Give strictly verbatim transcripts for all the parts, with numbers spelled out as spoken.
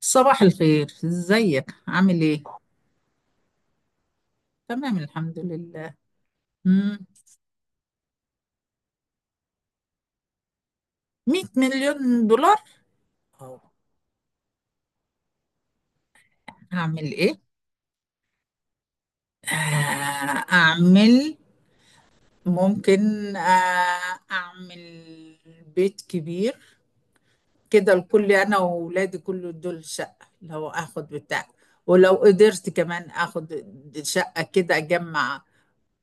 صباح الخير، ازيك عامل ايه؟ تمام، الحمد لله. مم. مية مليون دولار؟ أو اعمل ايه؟ آه، اعمل ممكن آه، اعمل بيت كبير، كده الكل انا واولادي كل دول شقة لو اخد بتاع، ولو قدرت كمان اخد شقة كده اجمع.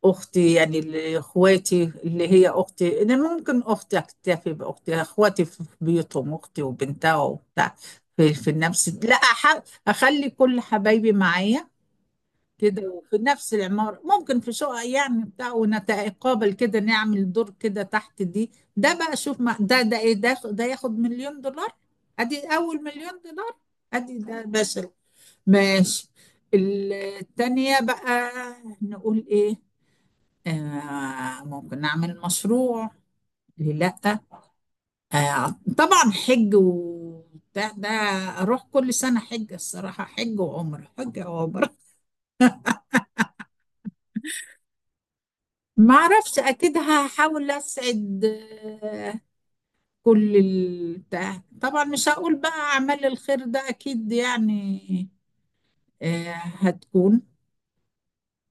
أختي يعني اللي- إخواتي اللي هي أختي، أنا ممكن أختي أكتفي بأختي، إخواتي في بيوتهم، أختي وبنتها وبتاع في, في نفس، لا أح... أخلي كل حبايبي معايا كده، وفي نفس العمارة ممكن في شقة يعني بتاع، ونتقابل كده نعمل دور كده تحت دي. ده بقى شوف ما... ده ده إيه، ده ده ياخد مليون دولار. أدي أول مليون دولار. أدي ده ماشي. ماشي. التانية بقى نقول إيه؟ آه ممكن نعمل مشروع، ليه لأ. آه طبعا حج وبتاع ده، أروح كل سنة حج الصراحة، حج وعمرة حج وعمرة. ما أعرفش، أكيد هحاول أسعد. آه كل البتاع طبعا مش هقول بقى أعمال الخير ده أكيد يعني. آه هتكون.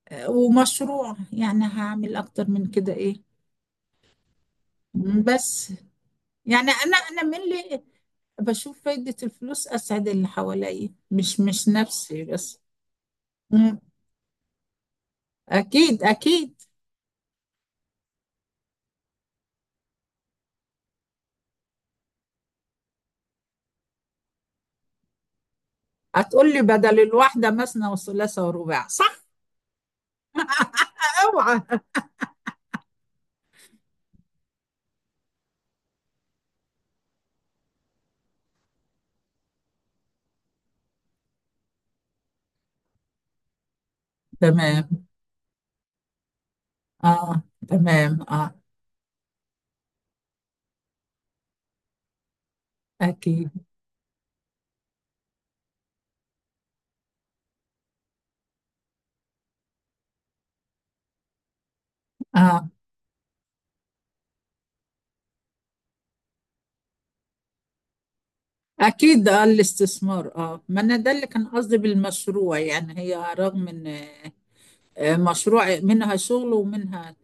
آه ومشروع يعني هعمل أكتر من كده إيه. بس يعني انا انا من اللي بشوف فايدة الفلوس، اسعد اللي حواليا مش مش نفسي بس. مم. اكيد اكيد. هتقول لي بدل الواحدة مثنى وثلاثة ورباع، صح؟ اوعى. تمام اه. تمام اه. اكيد اه. اكيد اه الاستثمار، اه ما انا ده اللي كان قصدي بالمشروع، يعني هي رغم ان آه، مشروع منها شغل ومنها.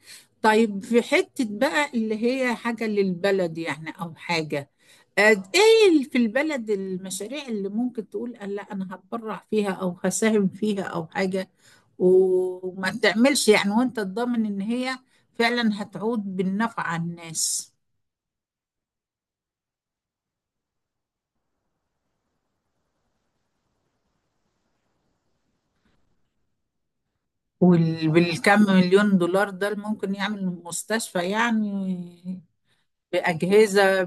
طيب في حتة بقى اللي هي حاجة للبلد يعني أو حاجة. آه، إيه ال- في البلد المشاريع اللي ممكن تقول آه، لا أنا هتبرع فيها أو هساهم فيها أو حاجة، وما تعملش يعني وأنت تضمن إن هي فعلا هتعود بالنفع على الناس. وبالكم مليون دولار ده اللي ممكن يعمل مستشفى يعني؟ بأجهزة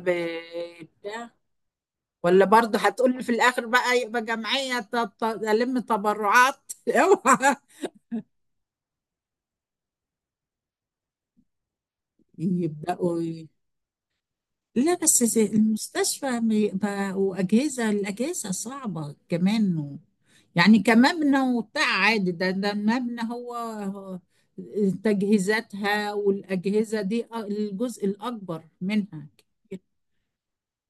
بتاع. ولا برضه هتقول لي في الاخر بقى يبقى جمعيه ت- ت- الم تبرعات اوعى. يبداوا ي- لا بس زي المستشفى بيبقى واجهزه، الاجهزه صعبه كمان، و- يعني كمبنى وبتاع عادي، ده ده المبنى هو هو تجهيزاتها والاجهزه دي أ- الجزء الاكبر منها كتير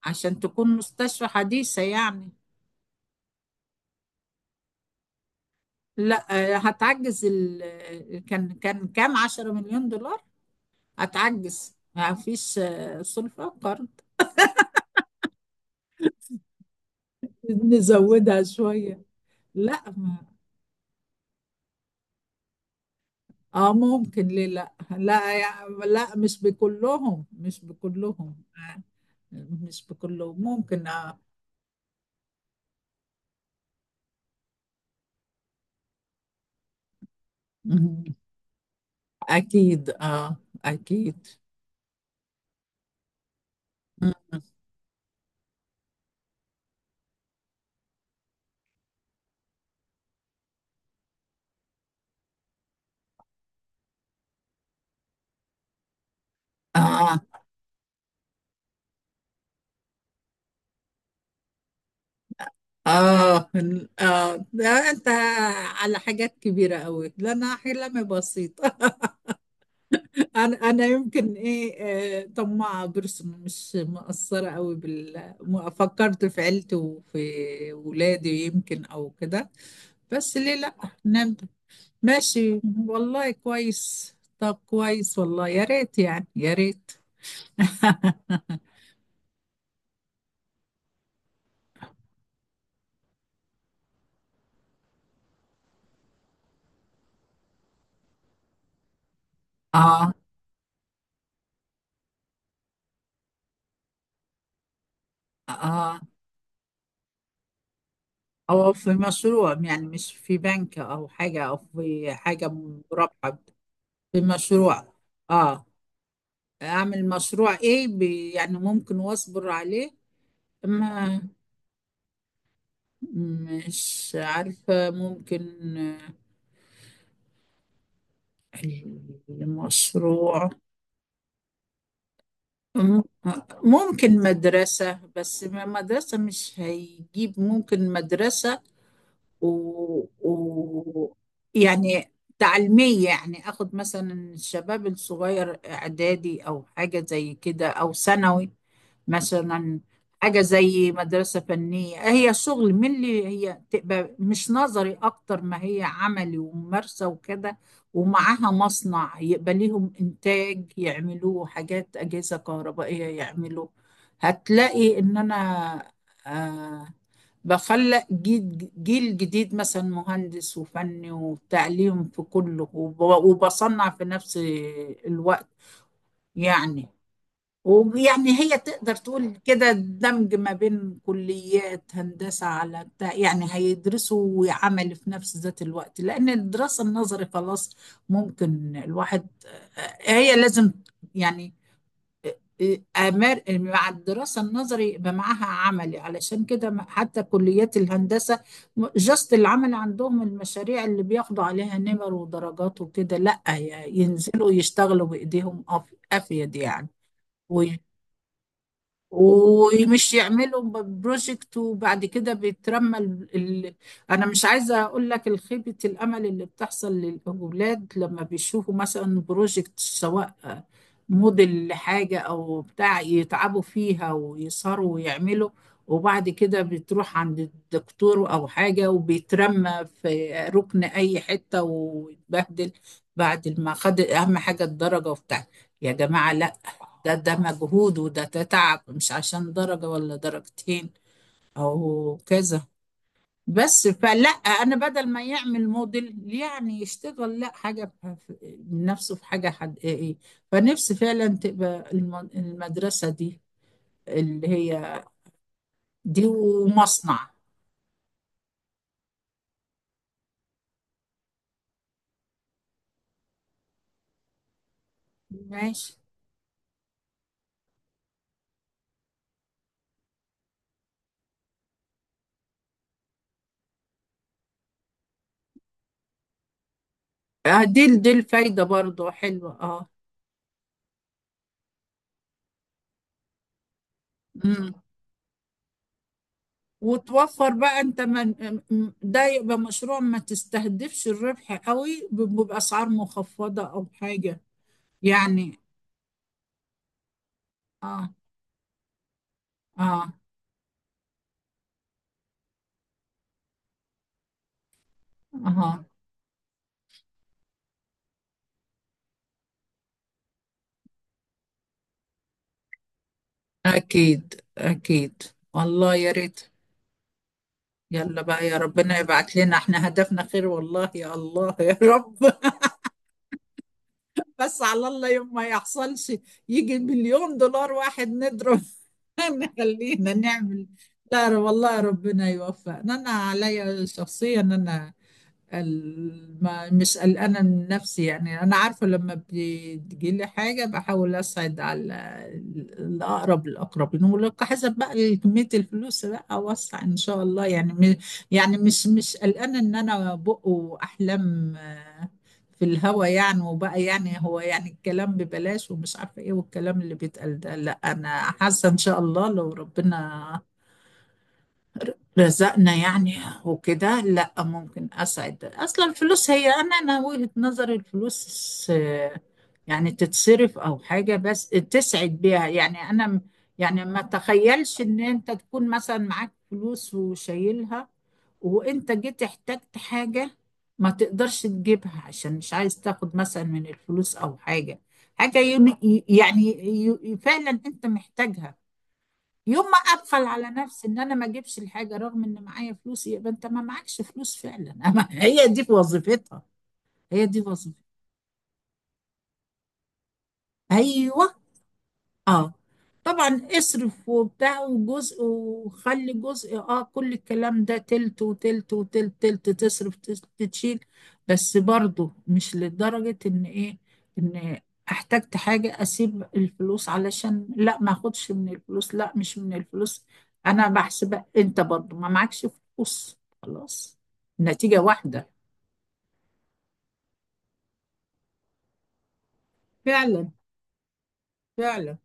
عشان تكون مستشفى حديثه يعني. لا آه، هتعجز ال... كان كان كام عشرة مليون دولار؟ هتعجز، ما فيش آه، سلفة قرض؟ نزودها شوية. لا ما. اه ممكن، ليه لا. لا يا- لا مش بكلهم، مش بكلهم آه، مش بكلهم، ممكن اه. مم. اكيد اه. اكيد. مم. اه. اه ال- اه ده انت على حاجات كبيرة قوي، ده انا حلمي بسيط. انا انا يمكن ايه، آه، طماعه برسم مش مقصره قوي بال ما فكرت في عيلتي وفي ولادي، يمكن او كده. بس ليه لا، نبدا، ماشي. والله كويس، طب كويس والله، يا ريت يعني يا ريت. اه. اه. او في مشروع يعني، مش في بنك او حاجه او في حاجه مربحه. في مشروع. اه. اعمل مشروع ايه بي يعني ممكن واصبر عليه. ما مش عارفة، ممكن آه، المشروع م- ممكن مدرسة، بس ما- مدرسة مش هيجيب، ممكن مدرسة و... و... يعني تعليمية يعني، أخد مثلا الشباب الصغير إعدادي أو حاجة زي كده أو ثانوي مثلا، حاجة زي مدرسة فنية هي شغل من اللي هي تبقى مش نظري أكتر، ما هي عملي وممارسة وكده، ومعاها مصنع يبقى ليهم إنتاج يعملوه، حاجات أجهزة كهربائية يعملوه. هتلاقي إن أنا آه بخلق جيل, جيل جديد مثلا، مهندس وفني وتعليم في كله وب- وبصنع في نفس الوقت يعني. ويعني هي تقدر تقول كده دمج ما بين كليات هندسة على بتاع، يعني هيدرسوا وعمل في نفس ذات الوقت، لأن الدراسة النظري خلاص. ممكن الواحد، هي لازم يعني أمر مع الدراسة النظري يبقى معاها عملي، علشان كده ما- حتى كليات الهندسة جاست العمل عندهم المشاريع اللي بياخدوا عليها نمر ودرجات وكده، لأ ي- ينزلوا يشتغلوا بإيديهم أف- أفيد يعني. ومش يعملوا ب- بروجكت وبعد كده بيترمى ال... ال... انا مش عايزه اقول لك الخيبه الامل اللي بتحصل للاولاد لما بيشوفوا مثلا بروجكت، سواء موديل لحاجه او بتاع، يتعبوا فيها ويسهروا ويعملوا، وبعد كده بتروح عند الدكتور او حاجه وبيترمى في ركن اي حته ويتبهدل بعد ما خد اهم حاجه الدرجه وبتاع. يا جماعه لا، ده ده مجهود وده تعب، مش عشان درجة ولا درجتين أو كذا. بس فلا أنا بدل ما يعمل موديل يعني يشتغل لا حاجة في- من نفسه في حاجة حقيقية. فنفسي فعلا تبقى الم- المدرسة دي اللي هي دي ومصنع. ماشي. آه، دي دي الفايدة برضو حلوة اه. أمم. وتوفر بقى انت من م- ده يبقى مشروع ما تستهدفش الربح قوي ب- بأسعار مخفضة او حاجة يعني. اه. اه. اه. اكيد اكيد. والله يا ريت. يلا بقى يا ربنا يبعت لنا، احنا هدفنا خير، والله يا الله يا رب بس على الله يوم ما يحصلش يجي مليون دولار واحد نضرب نخلينا نعمل. لا والله ربنا يوفقنا. انا عليا شخصيا انا ال- ما مش قلقانة من نفسي يعني، أنا عارفة لما بتجيلي حاجة بحاول أسعد على ال- الأقرب الأقربين، ولو حسب بقى كمية الفلوس بقى أوسع إن شاء الله يعني م- يعني مش مش قلقانة إن أنا بقوا أحلام آه، في الهوا يعني، وبقى يعني هو يعني الكلام ببلاش ومش عارفة إيه والكلام اللي بيتقال ده، لا أنا حاسة إن شاء الله لو ربنا رزقنا يعني وكده، لا ممكن اسعد اصلا، الفلوس هي انا انا وجهة نظري الفلوس آه، يعني تتصرف او حاجة بس تسعد بيها يعني انا م- يعني ما تخيلش ان انت تكون مثلا معاك فلوس وشايلها وانت جيت احتجت حاجة ما تقدرش تجيبها عشان مش عايز تاخد مثلا من الفلوس او حاجة، حاجة ين- يعني ي- فعلا انت محتاجها. يوم ما اقفل على نفسي ان انا ما اجيبش الحاجه رغم ان معايا فلوس، يبقى انت ما معكش فلوس فعلا أما هي دي وظيفتها. هي دي وظيفتها. ايوه. اه طبعا اصرف وبتاع وجزء وخلي جزء اه، كل الكلام ده تلت وتلت وتلت تلت، تصرف تس- تشيل. بس برضو مش لدرجة ان ايه، ان احتجت حاجة اسيب الفلوس علشان لا ما اخدش من الفلوس، لا مش من الفلوس انا بحسب انت برضو ما معكش فلوس خلاص، نتيجة واحدة. فعلا. فعلا.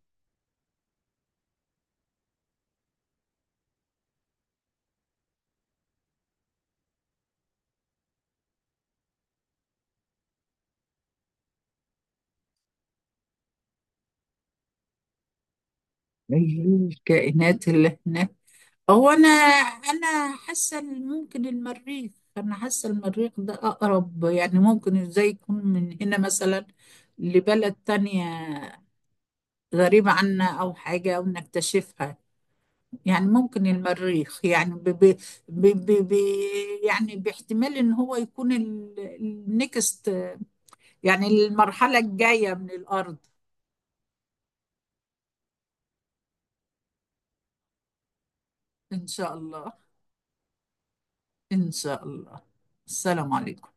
الكائنات اللي هناك، هو انا انا حاسه إن ممكن المريخ، انا حاسه المريخ ده اقرب، يعني ممكن ازاي يكون من هنا مثلا لبلد تانية غريبة عنا أو حاجة أو نكتشفها، يعني ممكن المريخ يعني ب ب ب ب ب يعني باحتمال إن هو يكون ال- النكست يعني المرحلة الجاية من الأرض. إن شاء الله. إن شاء الله. السلام عليكم.